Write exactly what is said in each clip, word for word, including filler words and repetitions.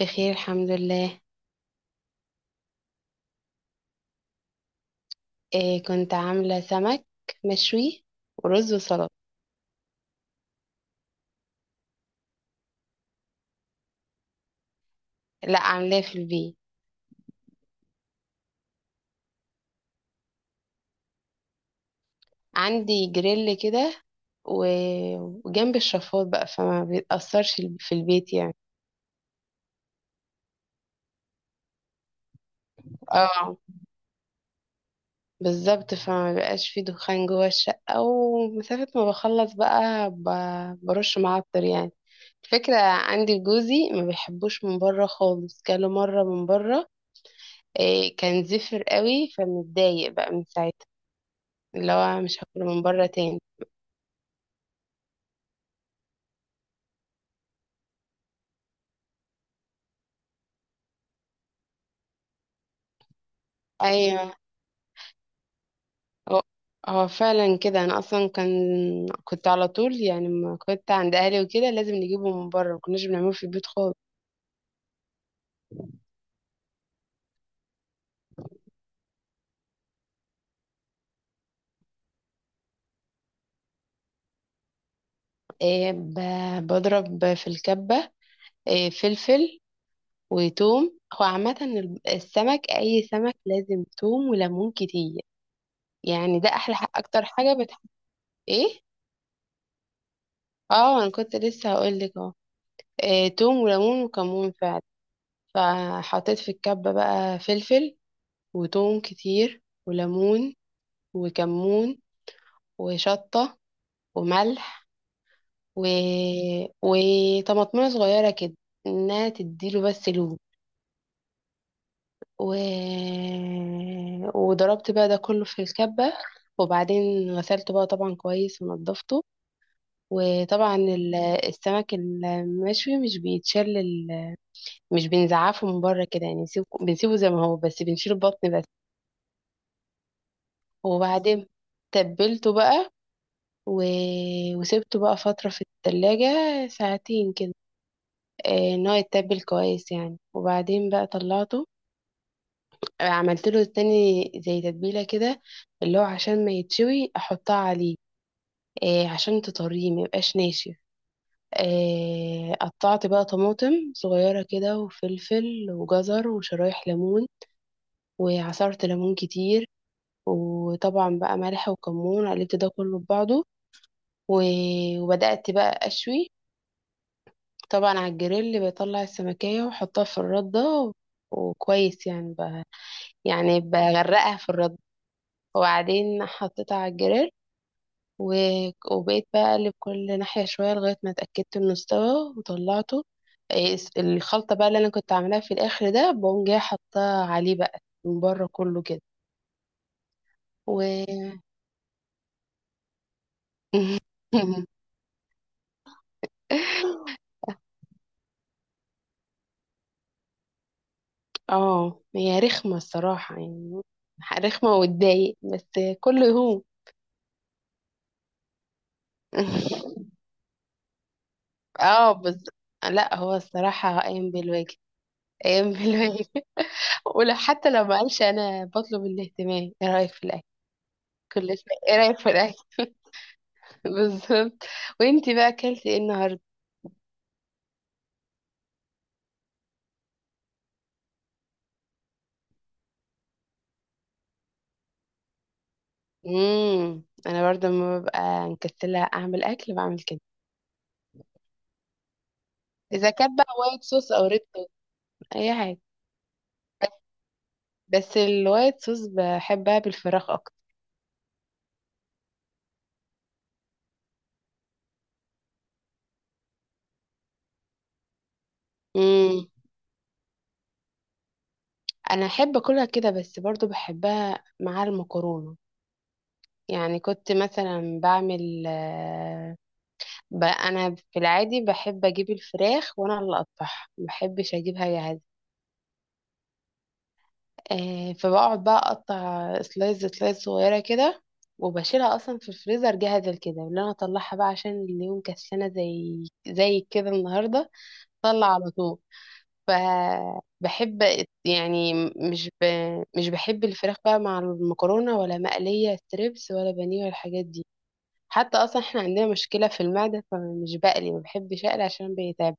بخير، الحمد لله. إيه، كنت عاملة سمك مشوي ورز وسلطة. لا، عاملاه في البيت. عندي جريل كده و- وجنب الشفاط بقى، فما بيتأثرش ال- في البيت يعني. اه، بالظبط، فما بيبقاش فيه دخان جوه الشقة، ومسافة ما بخلص بقى ب- برش معطر يعني. الفكرة عندي جوزي ما بيحبوش من بره خالص، كله مرة من بره. إيه، كان زفر قوي، فمتضايق بقى من ساعتها، اللي هو مش هاكل من بره تاني. ايوه، هو هو فعلا كده. انا اصلا كان كنت على طول يعني لما كنت عند اهلي وكده لازم نجيبه من بره، ما كناش بنعمله في البيت خالص. إيه، ب- بضرب في الكبه، إيه، فلفل وثوم. هو عامه ال- السمك، اي سمك لازم ثوم وليمون كتير، يعني ده احلى، ح- اكتر حاجه بتحب. ايه، اه، انا كنت لسه هقول لك اهو. إيه، ثوم وليمون وكمون فعلا. فحطيت في الكبه بقى فلفل وتوم كتير وليمون وكمون وشطة وملح، و... وطماطمية صغيرة كده، انها تديله بس لون. و... وضربت بقى ده كله في الكبة. وبعدين غسلته بقى طبعا كويس ونضفته. وطبعا ال- السمك المشوي مش بيتشل ال... مش بنزعفه من بره كده يعني، نسيبه- بنسيبه زي ما هو، بس بنشيل البطن بس. وبعدين تبلته بقى، و... وسبته بقى فترة في التلاجة، ساعتين كده، آه، ان هو يتبل كويس يعني. وبعدين بقى طلعته، آه، عملت له تاني زي تتبيلة كده، اللي هو عشان ما يتشوي احطها عليه، آه، عشان تطريه ما يبقاش ناشف. آه، قطعت بقى طماطم صغيرة كده وفلفل وجزر وشرايح ليمون، وعصرت ليمون كتير، وطبعا بقى ملح وكمون، قلبت ده كله في بعضه. و- وبدأت بقى أشوي. طبعا على الجريل بطلع السمكية واحطها في الردة، و- وكويس يعني ب... يعني بغرقها في الردة. وبعدين حطيتها على الجريل، و... وبقيت بقى اقلب كل ناحية شوية لغاية ما اتأكدت انه استوى وطلعته. إيه، الس- الخلطة بقى اللي انا كنت عاملاها في الاخر ده بقوم جاية حطها عليه بقى من بره كله كده. و اه، هي رخمة الصراحة يعني، رخمة وتضايق، بس كله يهون. اه بس، لا هو الصراحة قايم بالواجب. قايم بالواجب، ولو حتى لو ما قالش انا بطلب الاهتمام: ايه رأيك في الاكل؟ كل شوية ايه رأيك في الاكل؟ بالظبط. وانتي بقى اكلتي ايه النهارده؟ امم انا برضه لما ببقى مكسلة اعمل اكل، بعمل كده. اذا كانت بقى وايت صوص او ريد صوص، اي حاجة. بس الوايت صوص بحبها بالفراخ اكتر. امم انا احب اكلها كده، بس برضه بحبها مع المكرونة. يعني كنت مثلا بعمل، آه، ب- انا في العادي بحب اجيب الفراخ، وانا اللي اقطعها، ما بحبش اجيبها جاهزه. آه، فبقعد بقى اقطع سلايز سلايز صغيره كده، وبشيلها اصلا في الفريزر جاهزه كده، اللي انا اطلعها بقى عشان اليوم كسلانه زي زي كده النهارده، طلع على طول. فبحب يعني مش ب... مش بحب الفراخ بقى مع المكرونه ولا مقليه ستريبس ولا بانيه ولا الحاجات دي. حتى اصلا احنا عندنا مشكله في المعده، فمش بقلي، ما بحبش اقلي عشان بيتعب.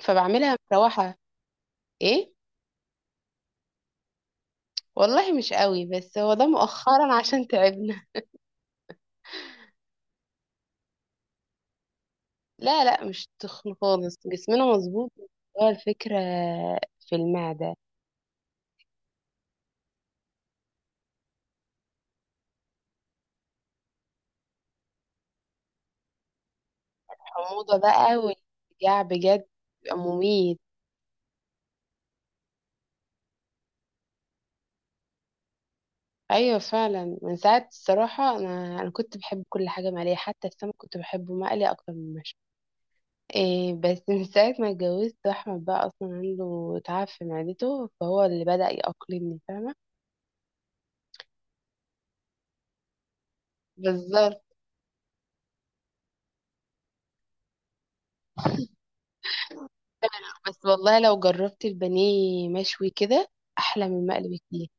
فبعملها مروحه. ايه والله، مش قوي، بس هو ده مؤخرا عشان تعبنا. لا، لا، مش تخن خالص، جسمنا مظبوط. هو الفكره في المعده. الحموضه بقى والجع بجد بيبقى مميت. ايوه، فعلا من ساعه الصراحه، انا انا كنت بحب كل حاجه مقليه، حتى السمك كنت بحبه مقلي اكتر من مشوي. إيه بس، من ساعة ما اتجوزت أحمد، بقى أصلا عنده تعب في معدته، فهو اللي بدأ يأقلمني، فاهمة؟ بالظبط. بس والله لو جربت البانيه مشوي كده، أحلى من المقلي بكتير.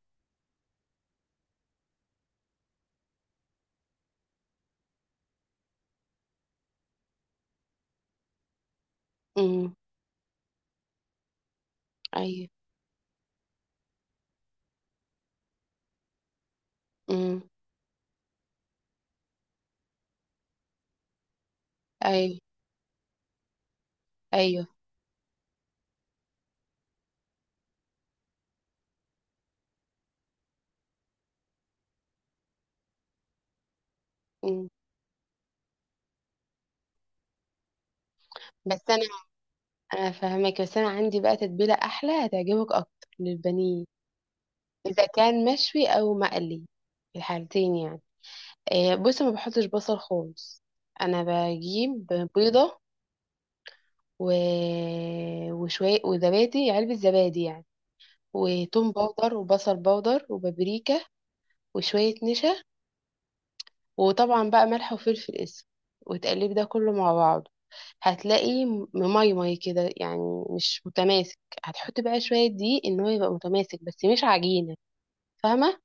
امم، أيوه. امم، أيوه، أيوه. امم. بس أنا أنا فاهمك، بس أنا عندي بقى تتبيلة أحلى هتعجبك أكتر للبانيه، إذا كان مشوي أو مقلي، في الحالتين يعني. إيه بص، ما بحطش بصل خالص. أنا بجيب بيضة، و... وشوية وزبادي، علبة زبادي يعني، وتوم باودر وبصل باودر وبابريكا، وشوية نشا، وطبعا بقى ملح وفلفل اسود، وتقلب ده كله مع بعضه. هتلاقي مميمي كده، يعني مش متماسك. هتحط بقى شوية دقيق ان هو يبقى متماسك بس مش عجينة، فاهمة؟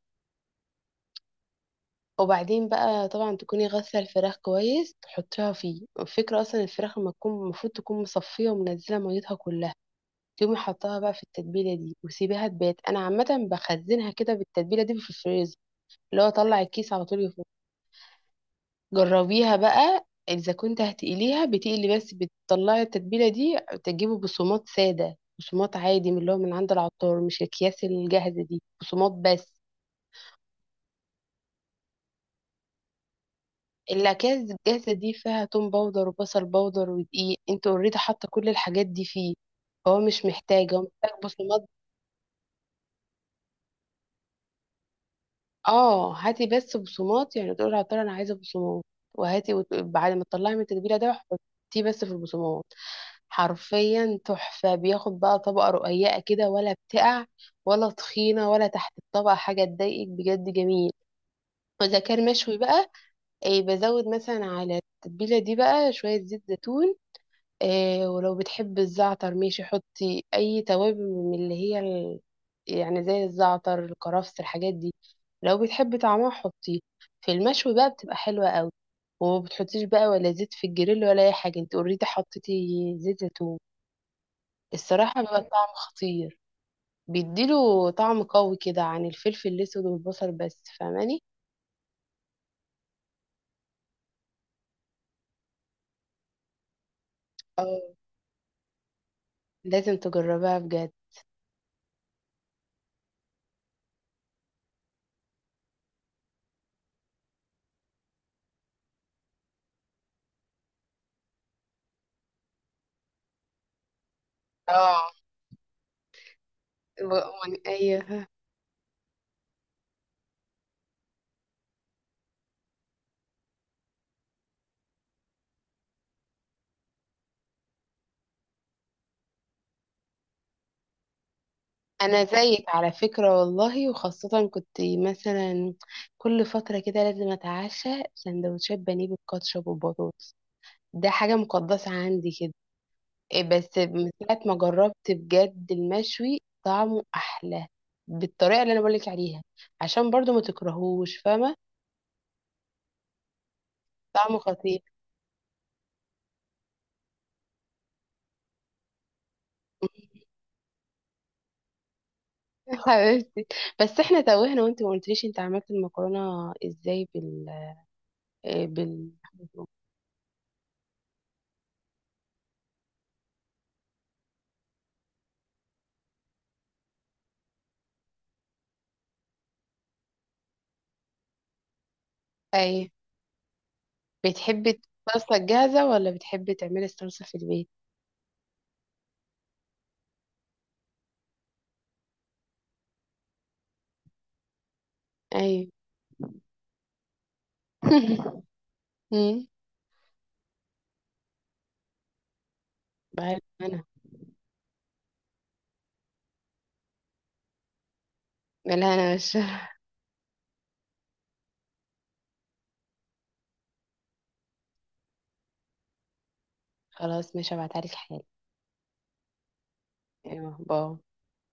وبعدين بقى طبعا تكوني غاسلة الفراخ كويس، تحطيها فيه. الفكرة اصلا الفراخ لما تكون، المفروض تكون مصفية ومنزلة ميتها كلها. تقومي حطاها بقى في التتبيله دي وسيبيها تبات. انا عامه بخزنها كده بالتتبيله دي في الفريزر، اللي هو طلع الكيس على طول يفوت. جربيها بقى. اذا كنت هتقليها، بتقلي بس بتطلعي التتبيله دي، تجيبي بصومات ساده، بصومات عادي، من اللي هو من عند العطار، مش الاكياس الجاهزه دي، بصومات بس. الاكياس الجاهزه دي فيها توم باودر وبصل باودر ودقيق، انت اوريدي حاطه كل الحاجات دي فيه. هو مش محتاج، هو محتاج بصمات. اه، هاتي بس بصمات، يعني تقول للعطار انا عايزه بصمات. وهاتي، وت... بعد ما تطلعي من التتبيله ده، حطيه بس في البصمات. حرفيا تحفه، بياخد بقى طبقه رقيقه كده، ولا بتقع ولا تخينه، ولا تحت الطبقه حاجه تضايقك، بجد جميل. واذا كان مشوي بقى، إيه بزود مثلا على التتبيله دي بقى شويه زيت زيتون. آه، ولو بتحب الزعتر ماشي، حطي اي توابل من اللي هي ال... يعني زي الزعتر الكرفس الحاجات دي. لو بتحبي طعمها حطيه. في المشوي بقى بتبقى حلوة قوي. وما بتحطيش بقى ولا زيت في الجريل ولا اي حاجة، انت اوريدي حطيتي زيت زيتون. الصراحة بيبقى الطعم خطير، بيديله طعم قوي كده عن الفلفل الاسود والبصل بس، فاهماني؟ اه، لازم تجربها بجد. اه، و- وأنا- ايوه. انا زيك على فكرة والله. وخاصة كنت مثلا كل فترة كده لازم اتعشى سندوتشات بانيه بالكاتشب والبطاطس، ده حاجة مقدسة عندي كده. إيه بس، من ساعة ما جربت بجد المشوي طعمه احلى بالطريقة اللي انا بقولك عليها، عشان برضو ما تكرهوش، فاهمة؟ طعمه خطير. حبيبتي. بس احنا توهنا وانت ما قلتليش انت عملت المكرونة ازاي بال إيه بال اي، بتحبي الصلصة جاهزة ولا بتحبي تعملي الصلصة في البيت؟ ايوه. مم. بعرف انا. لا، انا مش خلاص، مش هبعتها لك حالا. ايوه، باي.